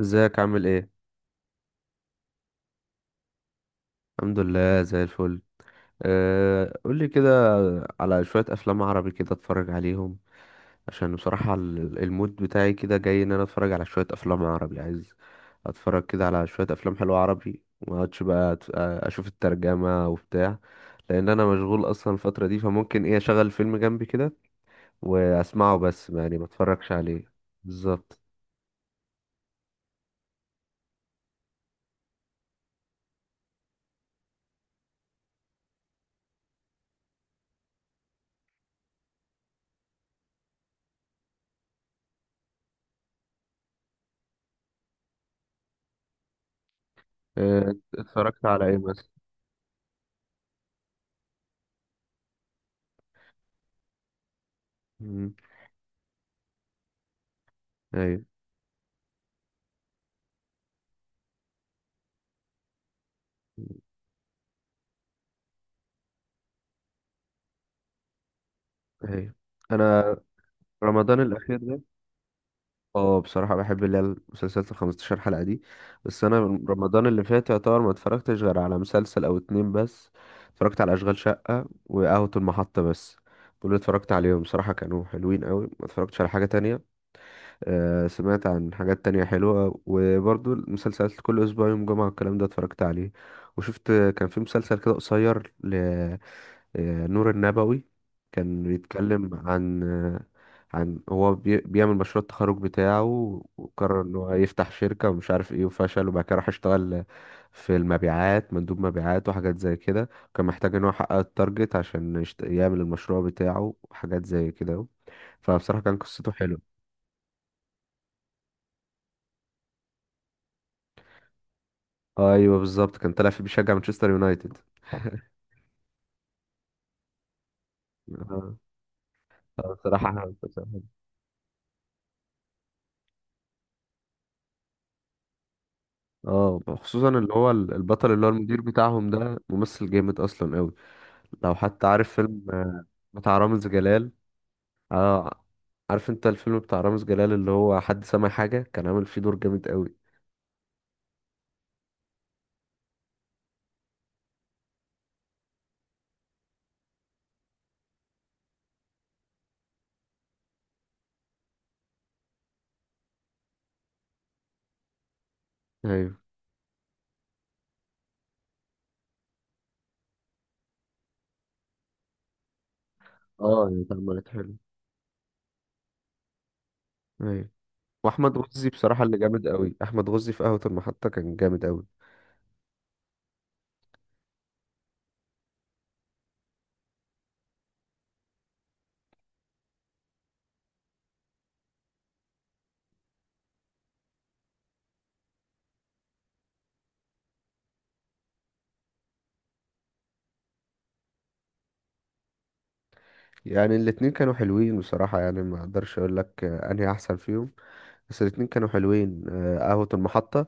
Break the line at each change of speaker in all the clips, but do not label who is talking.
ازيك عامل ايه؟ الحمد لله زي الفل. أه قولي كده على شوية افلام عربي كده اتفرج عليهم. عشان بصراحة المود بتاعي كده جاي ان انا اتفرج على شوية افلام عربي، عايز اتفرج كده على شوية افلام حلوة عربي. ما اقعدش بقى اشوف الترجمة وبتاع، لان انا مشغول اصلا الفترة دي. فممكن اشغل فيلم جنبي كده واسمعه بس، يعني ما اتفرجش عليه. بالظبط. أه اتفرجت على ايه مثلا؟ مم، ايوه، ايوه. انا رمضان الأخير ده، اه بصراحة بحب اللي هي المسلسلات ال 15 حلقة دي. بس أنا رمضان اللي فات يعتبر ما اتفرجتش غير على مسلسل أو اتنين بس. اتفرجت على أشغال شقة وقهوة المحطة بس، دول اللي اتفرجت عليهم. بصراحة كانوا حلوين قوي. ما اتفرجتش على حاجة تانية. آه سمعت عن حاجات تانية حلوة، وبرضو المسلسلات كل أسبوع يوم جمعة والكلام ده اتفرجت عليه. وشفت كان في مسلسل كده قصير، نور النبوي. كان بيتكلم عن عن بيعمل مشروع التخرج بتاعه، وقرر ان هو يفتح شركة ومش عارف ايه وفشل، وبعد كده راح اشتغل في المبيعات، مندوب مبيعات وحاجات زي كده. كان محتاج ان هو يحقق التارجت عشان يعمل المشروع بتاعه وحاجات زي كده. فبصراحة كان قصته حلوة. ايوه بالظبط، كان طالع فيه بيشجع مانشستر يونايتد. اه. آه، بصراحة أنا بصراحة- اه خصوصا اللي هو البطل، اللي هو المدير بتاعهم ده، ممثل جامد اصلا أوي. لو حتى عارف فيلم بتاع رامز جلال. اه، عارف انت الفيلم بتاع رامز جلال اللي هو حد سمع حاجة؟ كان عامل فيه دور جامد قوي. ايوه. اه يعني اتعملت حلو. ايوه. واحمد غزي بصراحة اللي جامد قوي، احمد غزي في قهوة المحطة كان جامد قوي. يعني الاتنين كانوا حلوين بصراحة، يعني ما اقدرش اقول لك انهي احسن فيهم. بس الاتنين كانوا حلوين. قهوة المحطة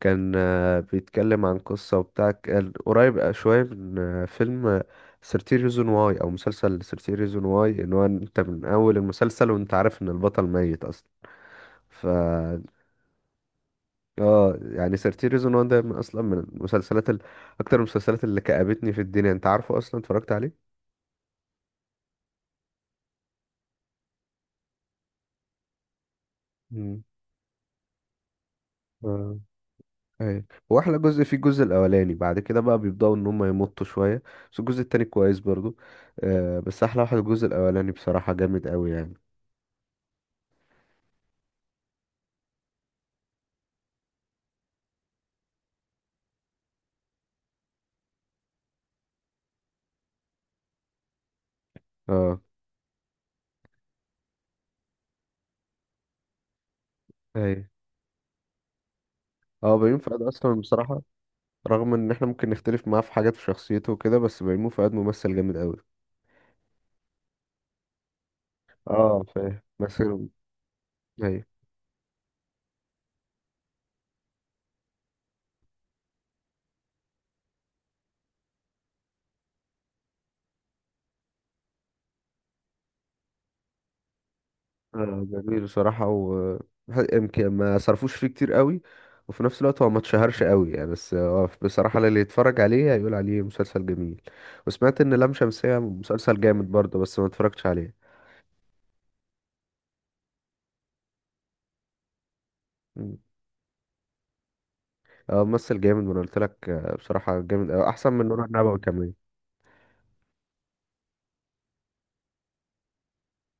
كان بيتكلم عن قصة وبتاع، كان قريب شوية من فيلم 13 ريزون واي أو مسلسل 13 ريزون واي، إن هو أنت من أول المسلسل وأنت عارف إن البطل ميت أصلا. ف اه يعني 13 ريزون واي ده من أصلا من المسلسلات أكتر المسلسلات اللي كأبتني في الدنيا. أنت عارفه، أصلا اتفرجت عليه؟ مم. آه. ايوه، هو احلى جزء فيه الجزء الاولاني. بعد كده بقى بيبداوا ان هم يمطوا شويه، بس الجزء التاني كويس برضو. آه بس احلى واحد الجزء الاولاني، بصراحه جامد قوي يعني. اه. ايوه. اه بيومي فؤاد اصلا بصراحه، رغم ان احنا ممكن نختلف معاه في حاجات في شخصيته وكده، بس بيومي فؤاد ممثل جامد قوي. اه فاهم مثل. ايوه. آه جميل بصراحه، و يمكن ما صرفوش فيه كتير قوي، وفي نفس الوقت هو ما اتشهرش قوي يعني. بس هو بصراحه اللي يتفرج عليه هيقول عليه مسلسل جميل. وسمعت ان لام شمسيه مسلسل جامد برضه، بس ما اتفرجتش عليه. مم. اه ممثل جامد. وانا قلت لك بصراحه جامد قوي، احسن من نور النبوي كمان.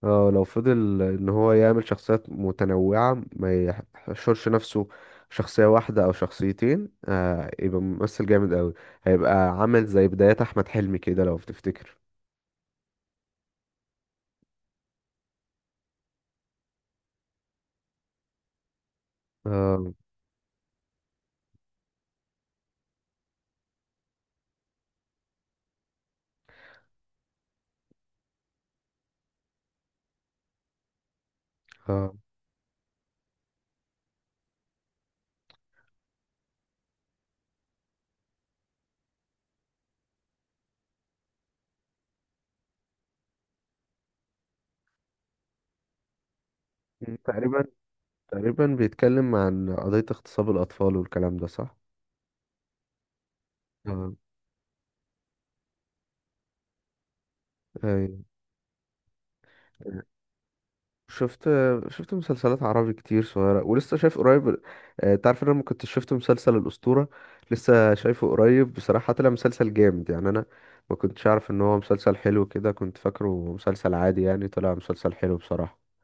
اه لو فضل ان هو يعمل شخصيات متنوعة، ما يحشرش نفسه شخصية واحدة او شخصيتين، آه يبقى ممثل جامد قوي. هيبقى عامل زي بدايات احمد حلمي كده لو تفتكر. آه. آه تقريبا. تقريبا بيتكلم عن قضية اغتصاب الاطفال والكلام ده، صح؟ اه. ايوه. شفت شفت مسلسلات عربي كتير صغيرة، ولسه شايف قريب. تعرف ان انا ما كنتش شفت مسلسل الأسطورة؟ لسه شايفه قريب، بصراحة طلع مسلسل جامد يعني. انا ما كنتش عارف ان هو مسلسل حلو كده، كنت فاكره مسلسل عادي يعني. طلع مسلسل حلو بصراحة.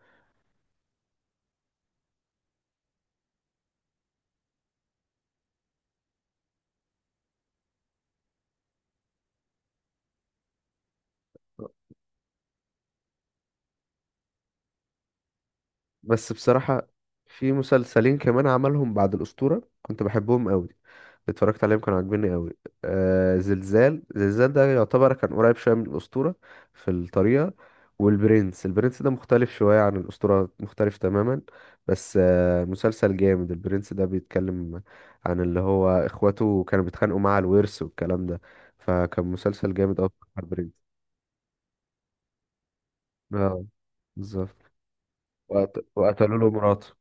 بس بصراحة في مسلسلين كمان عملهم بعد الأسطورة كنت بحبهم قوي. اتفرجت عليهم، كانوا عاجبيني قوي. آه زلزال ده يعتبر كان قريب شويه من الاسطوره في الطريقه. والبرنس، البرنس ده مختلف شويه عن الاسطوره، مختلف تماما. بس آه مسلسل جامد البرنس ده. بيتكلم عن اللي هو اخواته كانوا بيتخانقوا مع الورث والكلام ده. فكان مسلسل جامد قوي بتاع البرنس. اه بالظبط. وقتلوا له مراته.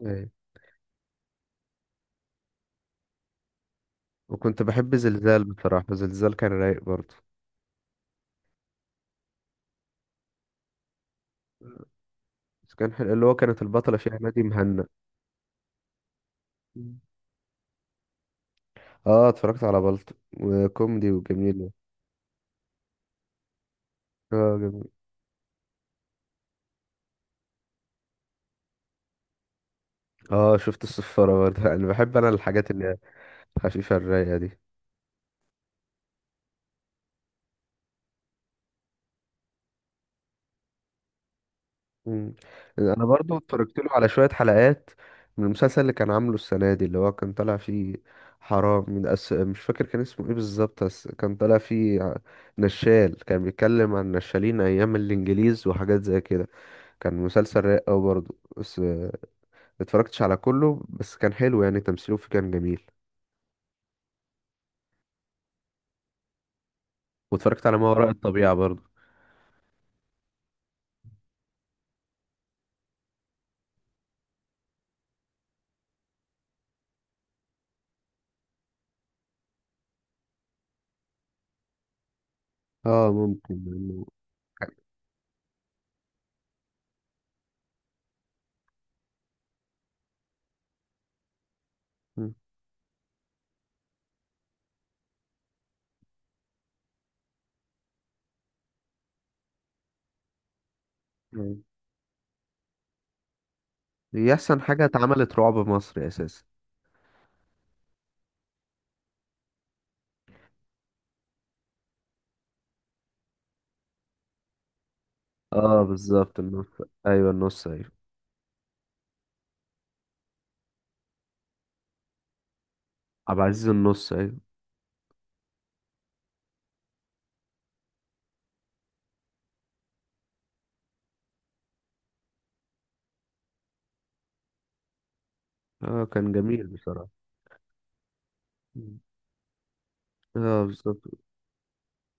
ايه. وكنت بحب زلزال بصراحه، زلزال كان رايق برضه. اللي هو كانت البطله فيها نادي مهنا. اه اتفرجت على بلطو، وكوميدي وجميل. اه جميل. اه شفت الصفارة برضه. انا بحب انا الحاجات اللي هي الخفيفة الرايقة دي. مم. انا برضه اتفرجت له على شوية حلقات من المسلسل اللي كان عامله السنة دي، اللي هو كان طالع فيه حرام من مش فاكر كان اسمه ايه بالظبط. بس كان طالع فيه نشال، كان بيتكلم عن نشالين ايام الانجليز وحاجات زي كده. كان مسلسل رايق اوي برضه. بس آه، اتفرجتش على كله، بس كان حلو يعني. تمثيله فيه كان جميل. واتفرجت على ما وراء الطبيعة برضه. اه ممكن لانه. مم. مم. دي احسن حاجة اتعملت رعب مصري اساسا. اه بالظبط النص. ايوه النص ايوه. عبد العزيز النص ايوه. اه كان جميل بصراحة. مم. اه بالظبط.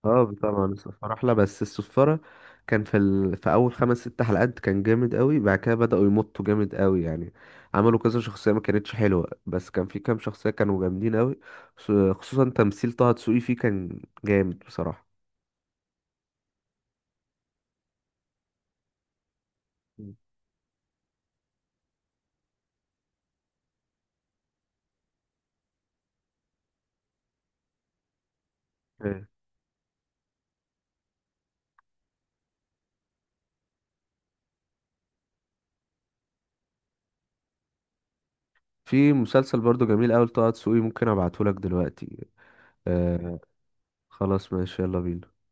اه طبعا السفارة احلى. بس السفارة كان في في اول 5 6 حلقات كان جامد قوي، بعد كده بدأوا يمطوا جامد قوي يعني. عملوا كذا شخصية ما كانتش حلوة، بس كان في كام شخصية كانوا جامدين قوي. خصوصا تمثيل طه دسوقي فيه، كان جامد بصراحة. مم. في مسلسل برضو جميل قوي لطه دسوقي، ممكن ابعته لك دلوقتي. آه. خلاص ماشي، يلا بينا.